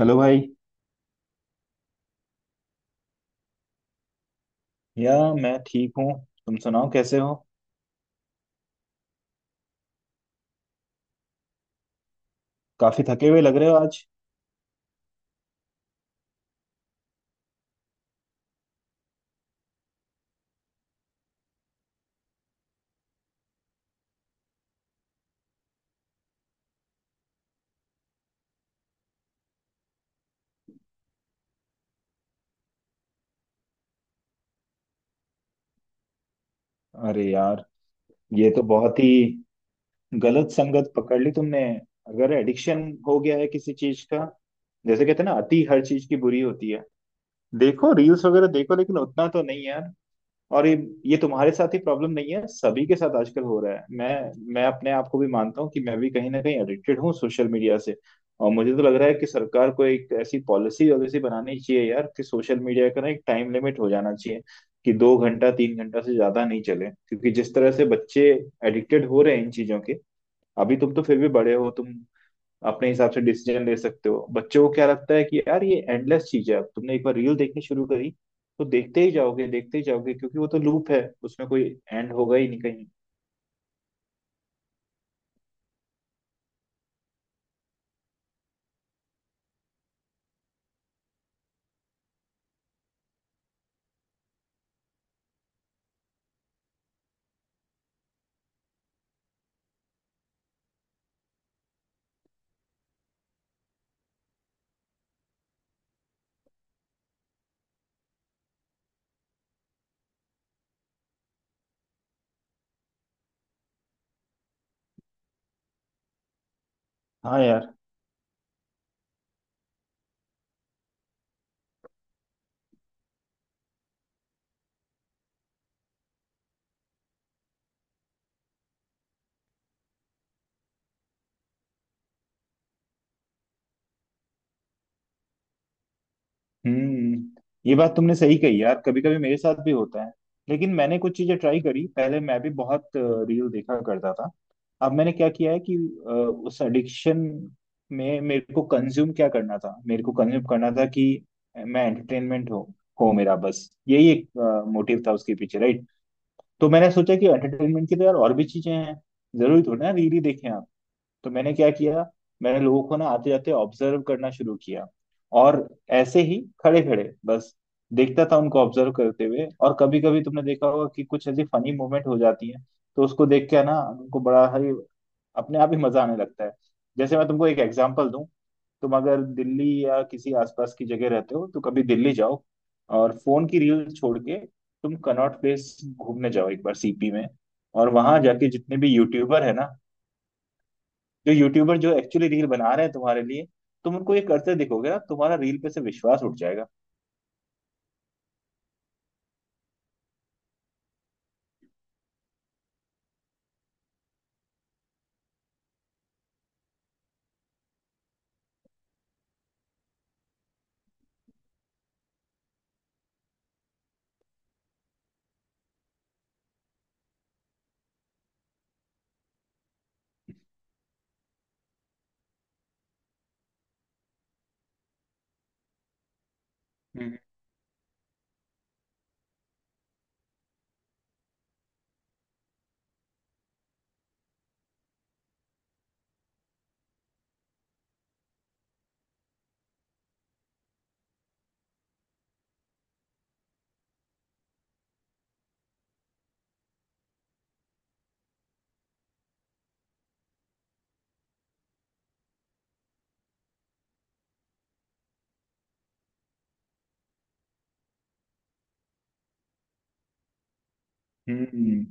Hello भाई। या मैं ठीक हूँ। तुम सुनाओ कैसे हो। काफी थके हुए लग रहे हो आज। अरे यार, ये तो बहुत ही गलत संगत पकड़ ली तुमने। अगर एडिक्शन हो गया है किसी चीज का, जैसे कहते हैं ना अति हर चीज की बुरी होती है। देखो रील्स वगैरह देखो, लेकिन उतना तो नहीं यार। और ये तुम्हारे साथ ही प्रॉब्लम नहीं है, सभी के साथ आजकल हो रहा है। मैं अपने आप को भी मानता हूँ कि मैं भी कहीं ना कहीं एडिक्टेड हूँ सोशल मीडिया से। और मुझे तो लग रहा है कि सरकार को एक ऐसी पॉलिसी वॉलिसी बनानी चाहिए यार कि सोशल मीडिया का ना एक टाइम लिमिट हो जाना चाहिए कि दो घंटा तीन घंटा से ज्यादा नहीं चले, क्योंकि जिस तरह से बच्चे एडिक्टेड हो रहे हैं इन चीजों के। अभी तुम तो फिर भी बड़े हो, तुम अपने हिसाब से डिसीजन ले सकते हो। बच्चों को क्या लगता है कि यार ये एंडलेस चीज है, अब तुमने एक बार रील देखनी शुरू करी तो देखते ही जाओगे, देखते ही जाओगे, क्योंकि वो तो लूप है, उसमें कोई एंड होगा ही नहीं कहीं। हाँ यार। हम्म, ये बात तुमने सही कही यार, कभी कभी मेरे साथ भी होता है। लेकिन मैंने कुछ चीजें ट्राई करी, पहले मैं भी बहुत रील देखा करता था। अब मैंने क्या किया है कि उस एडिक्शन में मेरे को कंज्यूम क्या करना था, मेरे को कंज्यूम करना था कि मैं एंटरटेनमेंट हो मेरा बस यही एक मोटिव था उसके पीछे, राइट। तो मैंने सोचा कि एंटरटेनमेंट की तो यार और भी चीजें हैं, जरूरी थोड़ी ना रील ही देखें आप। तो मैंने क्या किया, मैंने लोगों को ना आते जाते ऑब्जर्व करना शुरू किया। और ऐसे ही खड़े खड़े बस देखता था उनको ऑब्जर्व करते हुए, और कभी कभी तुमने देखा होगा कि कुछ ऐसी फनी मोमेंट हो जाती है, तो उसको देख के ना उनको बड़ा ही अपने आप ही मजा आने लगता है। जैसे मैं तुमको एक एग्जांपल दूं, तुम अगर दिल्ली या किसी आसपास की जगह रहते हो तो कभी दिल्ली जाओ, और फोन की रील छोड़ के तुम कनॉट प्लेस घूमने जाओ एक बार, सीपी में। और वहां जाके जितने भी यूट्यूबर है ना, जो यूट्यूबर जो एक्चुअली रील बना रहे हैं तुम्हारे लिए, तुम उनको ये करते दिखोगे ना तुम्हारा रील पे से विश्वास उठ जाएगा। हम्म। हम्म।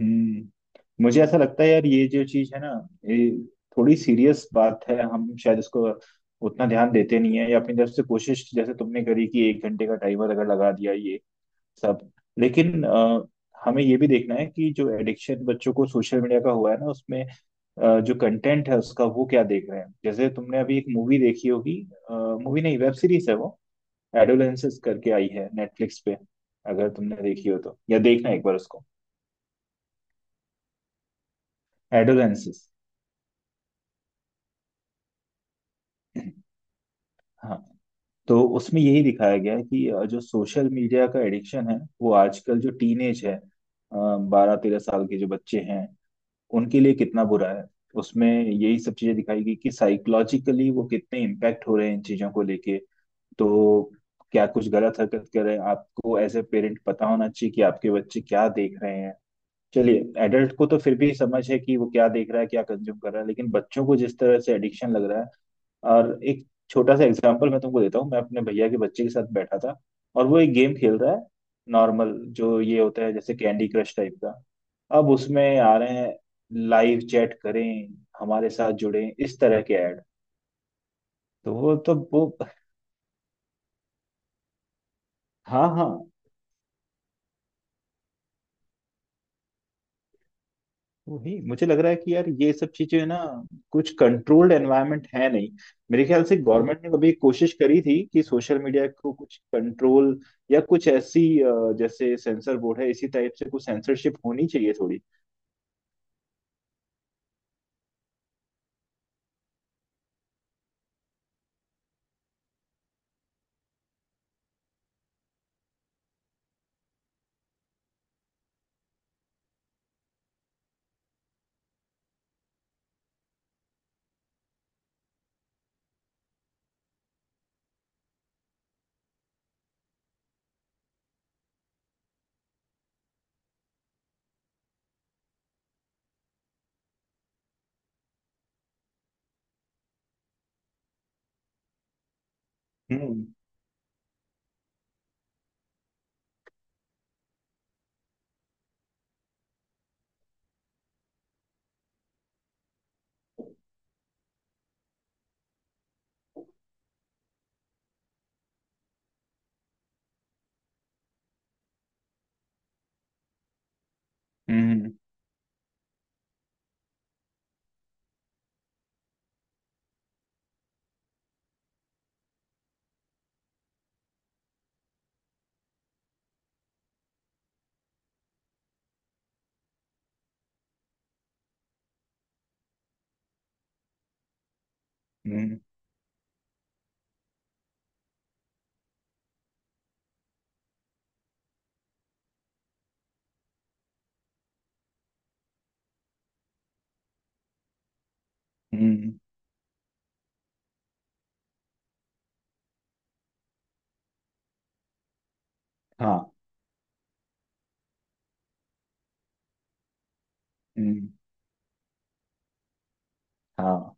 हम्म। मुझे ऐसा लगता है यार, ये जो चीज है ना, ये थोड़ी सीरियस बात है, हम शायद इसको उतना ध्यान देते नहीं है, या अपनी तरफ से कोशिश जैसे तुमने करी कि एक घंटे का टाइमर अगर लगा दिया, ये सब। लेकिन हमें ये भी देखना है कि जो एडिक्शन बच्चों को सोशल मीडिया का हुआ है ना, उसमें जो कंटेंट है उसका, वो क्या देख रहे हैं। जैसे तुमने अभी एक मूवी देखी होगी, मूवी नहीं वेब सीरीज है, वो एडोलेंसेस करके आई है नेटफ्लिक्स पे। अगर तुमने देखी हो तो, या देखना एक बार उसको। एडोलेंसेस। हाँ, तो उसमें यही दिखाया गया है कि जो सोशल मीडिया का एडिक्शन है, वो आजकल जो टीनेज है, बारह तेरह साल के जो बच्चे हैं, उनके लिए कितना बुरा है। उसमें यही सब चीजें दिखाई गई कि साइकोलॉजिकली वो कितने इम्पैक्ट हो रहे हैं इन चीजों को लेके। तो क्या कुछ गलत हरकत कर रहे हैं, आपको एज ए पेरेंट पता होना चाहिए कि आपके बच्चे क्या देख रहे हैं। चलिए एडल्ट को तो फिर भी समझ है कि वो क्या देख रहा है, क्या कंज्यूम कर रहा है, लेकिन बच्चों को जिस तरह से एडिक्शन लग रहा है। और एक छोटा सा एग्जांपल मैं तुमको देता हूँ, मैं अपने भैया के बच्चे के साथ बैठा था, और वो एक गेम खेल रहा है। नॉर्मल जो ये होता है जैसे कैंडी क्रश टाइप का। अब उसमें आ रहे हैं, लाइव चैट करें, हमारे साथ जुड़ें, इस तरह के ऐड। तो वो हाँ हाँ, वही मुझे लग रहा है कि यार ये सब चीजें है ना, कुछ कंट्रोल्ड एनवायरनमेंट है नहीं। मेरे ख्याल से गवर्नमेंट ने कभी कोशिश करी थी कि सोशल मीडिया को कुछ कंट्रोल या कुछ ऐसी जैसे सेंसर बोर्ड है, इसी टाइप से कुछ सेंसरशिप होनी चाहिए थोड़ी। हम्म। हम्म। हम्म। हम्म। हाँ। हम्म। हाँ।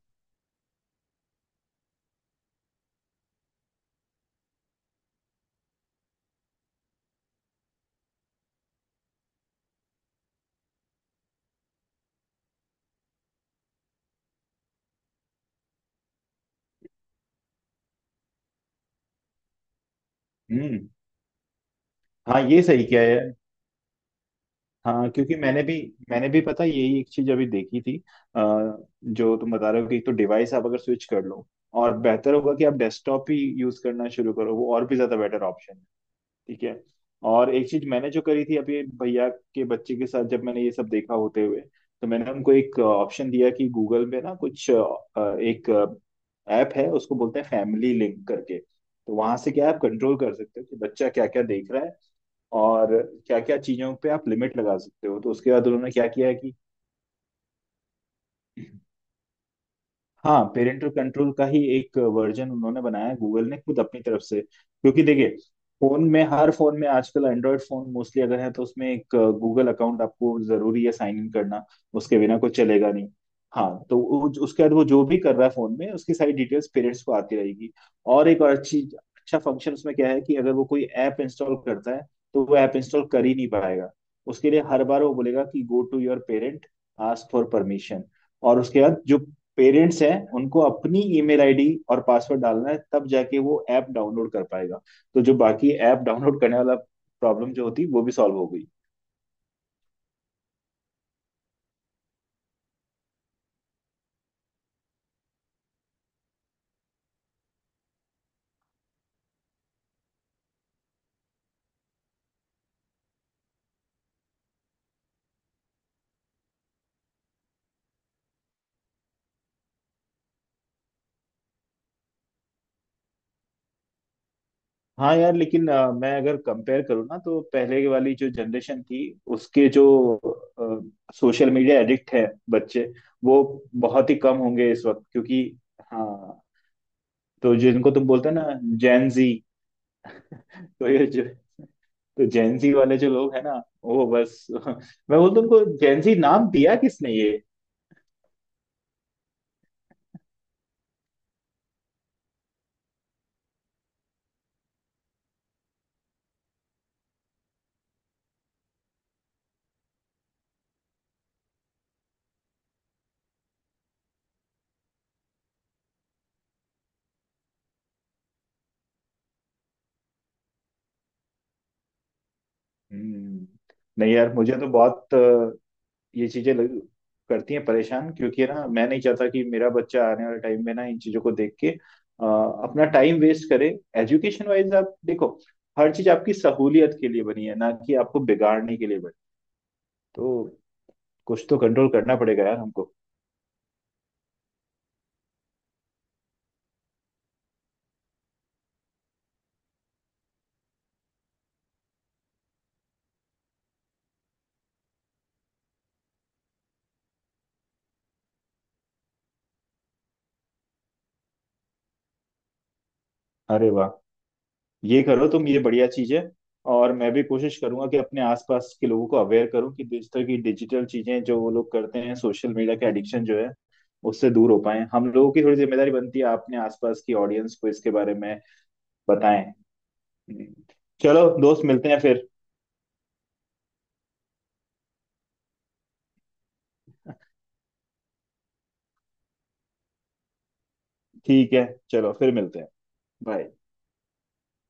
हम्म। हाँ, ये सही किया है। हाँ क्योंकि मैंने भी पता है, यही एक चीज अभी देखी थी। अ, जो तुम बता रहे हो कि एक तो डिवाइस आप अगर स्विच कर लो, और बेहतर होगा कि आप डेस्कटॉप ही यूज करना शुरू करो, वो और भी ज्यादा बेटर ऑप्शन है। ठीक है। और एक चीज मैंने जो करी थी अभी, भैया के बच्चे के साथ जब मैंने ये सब देखा होते हुए, तो मैंने उनको एक ऑप्शन दिया कि गूगल में ना कुछ एक ऐप है उसको बोलते हैं फैमिली लिंक करके। तो वहां से क्या है, आप कंट्रोल कर सकते हो कि बच्चा क्या क्या देख रहा है और क्या क्या चीजों पे आप लिमिट लगा सकते हो। तो उसके बाद उन्होंने क्या किया है कि हाँ, पेरेंटल कंट्रोल का ही एक वर्जन उन्होंने बनाया है, गूगल ने खुद अपनी तरफ से। क्योंकि देखिए, फोन में हर फोन में आजकल एंड्रॉयड फोन मोस्टली अगर है, तो उसमें एक गूगल अकाउंट आपको जरूरी है साइन इन करना, उसके बिना कुछ चलेगा नहीं। हाँ, तो उसके बाद वो जो भी कर रहा है फोन में, उसकी सारी डिटेल्स पेरेंट्स को आती रहेगी। और एक और अच्छी अच्छा फंक्शन उसमें क्या है कि अगर वो कोई ऐप इंस्टॉल करता है, तो वो ऐप इंस्टॉल कर ही नहीं पाएगा, उसके लिए हर बार वो बोलेगा कि go to your parent, ask for permission. और उसके बाद जो पेरेंट्स हैं उनको अपनी ईमेल आईडी और पासवर्ड डालना है, तब जाके वो ऐप डाउनलोड कर पाएगा। तो जो बाकी ऐप डाउनलोड करने वाला प्रॉब्लम जो होती, वो भी सॉल्व हो गई। हाँ यार, लेकिन मैं अगर कंपेयर करूँ ना, तो पहले वाली जो जनरेशन थी, उसके जो सोशल मीडिया एडिक्ट है बच्चे, वो बहुत ही कम होंगे इस वक्त, क्योंकि हाँ। तो जिनको तुम बोलते हो ना जैन जी, तो ये जो, तो जेंजी वाले जो लोग हैं ना, वो बस मैं बोलता हूँ उनको, जेंजी नाम दिया किसने ये। हम्म। नहीं यार, मुझे तो बहुत ये चीजें करती हैं परेशान, क्योंकि ना मैं नहीं चाहता कि मेरा बच्चा आने वाले टाइम में ना इन चीजों को देख के अपना टाइम वेस्ट करे। एजुकेशन वाइज आप देखो, हर चीज आपकी सहूलियत के लिए बनी है ना, कि आपको बिगाड़ने के लिए बनी। तो कुछ तो कंट्रोल करना पड़ेगा यार हमको। अरे वाह, ये करो तुम, ये बढ़िया चीज है। और मैं भी कोशिश करूंगा कि अपने आसपास के लोगों को अवेयर करूं कि इस तरह की डिजिटल चीजें जो वो लोग करते हैं, सोशल मीडिया के एडिक्शन जो है, उससे दूर हो पाए। हम लोगों की थोड़ी जिम्मेदारी बनती है अपने आसपास की ऑडियंस को इसके बारे में बताएं। चलो दोस्त, मिलते हैं फिर। ठीक है, चलो फिर मिलते हैं। बाय।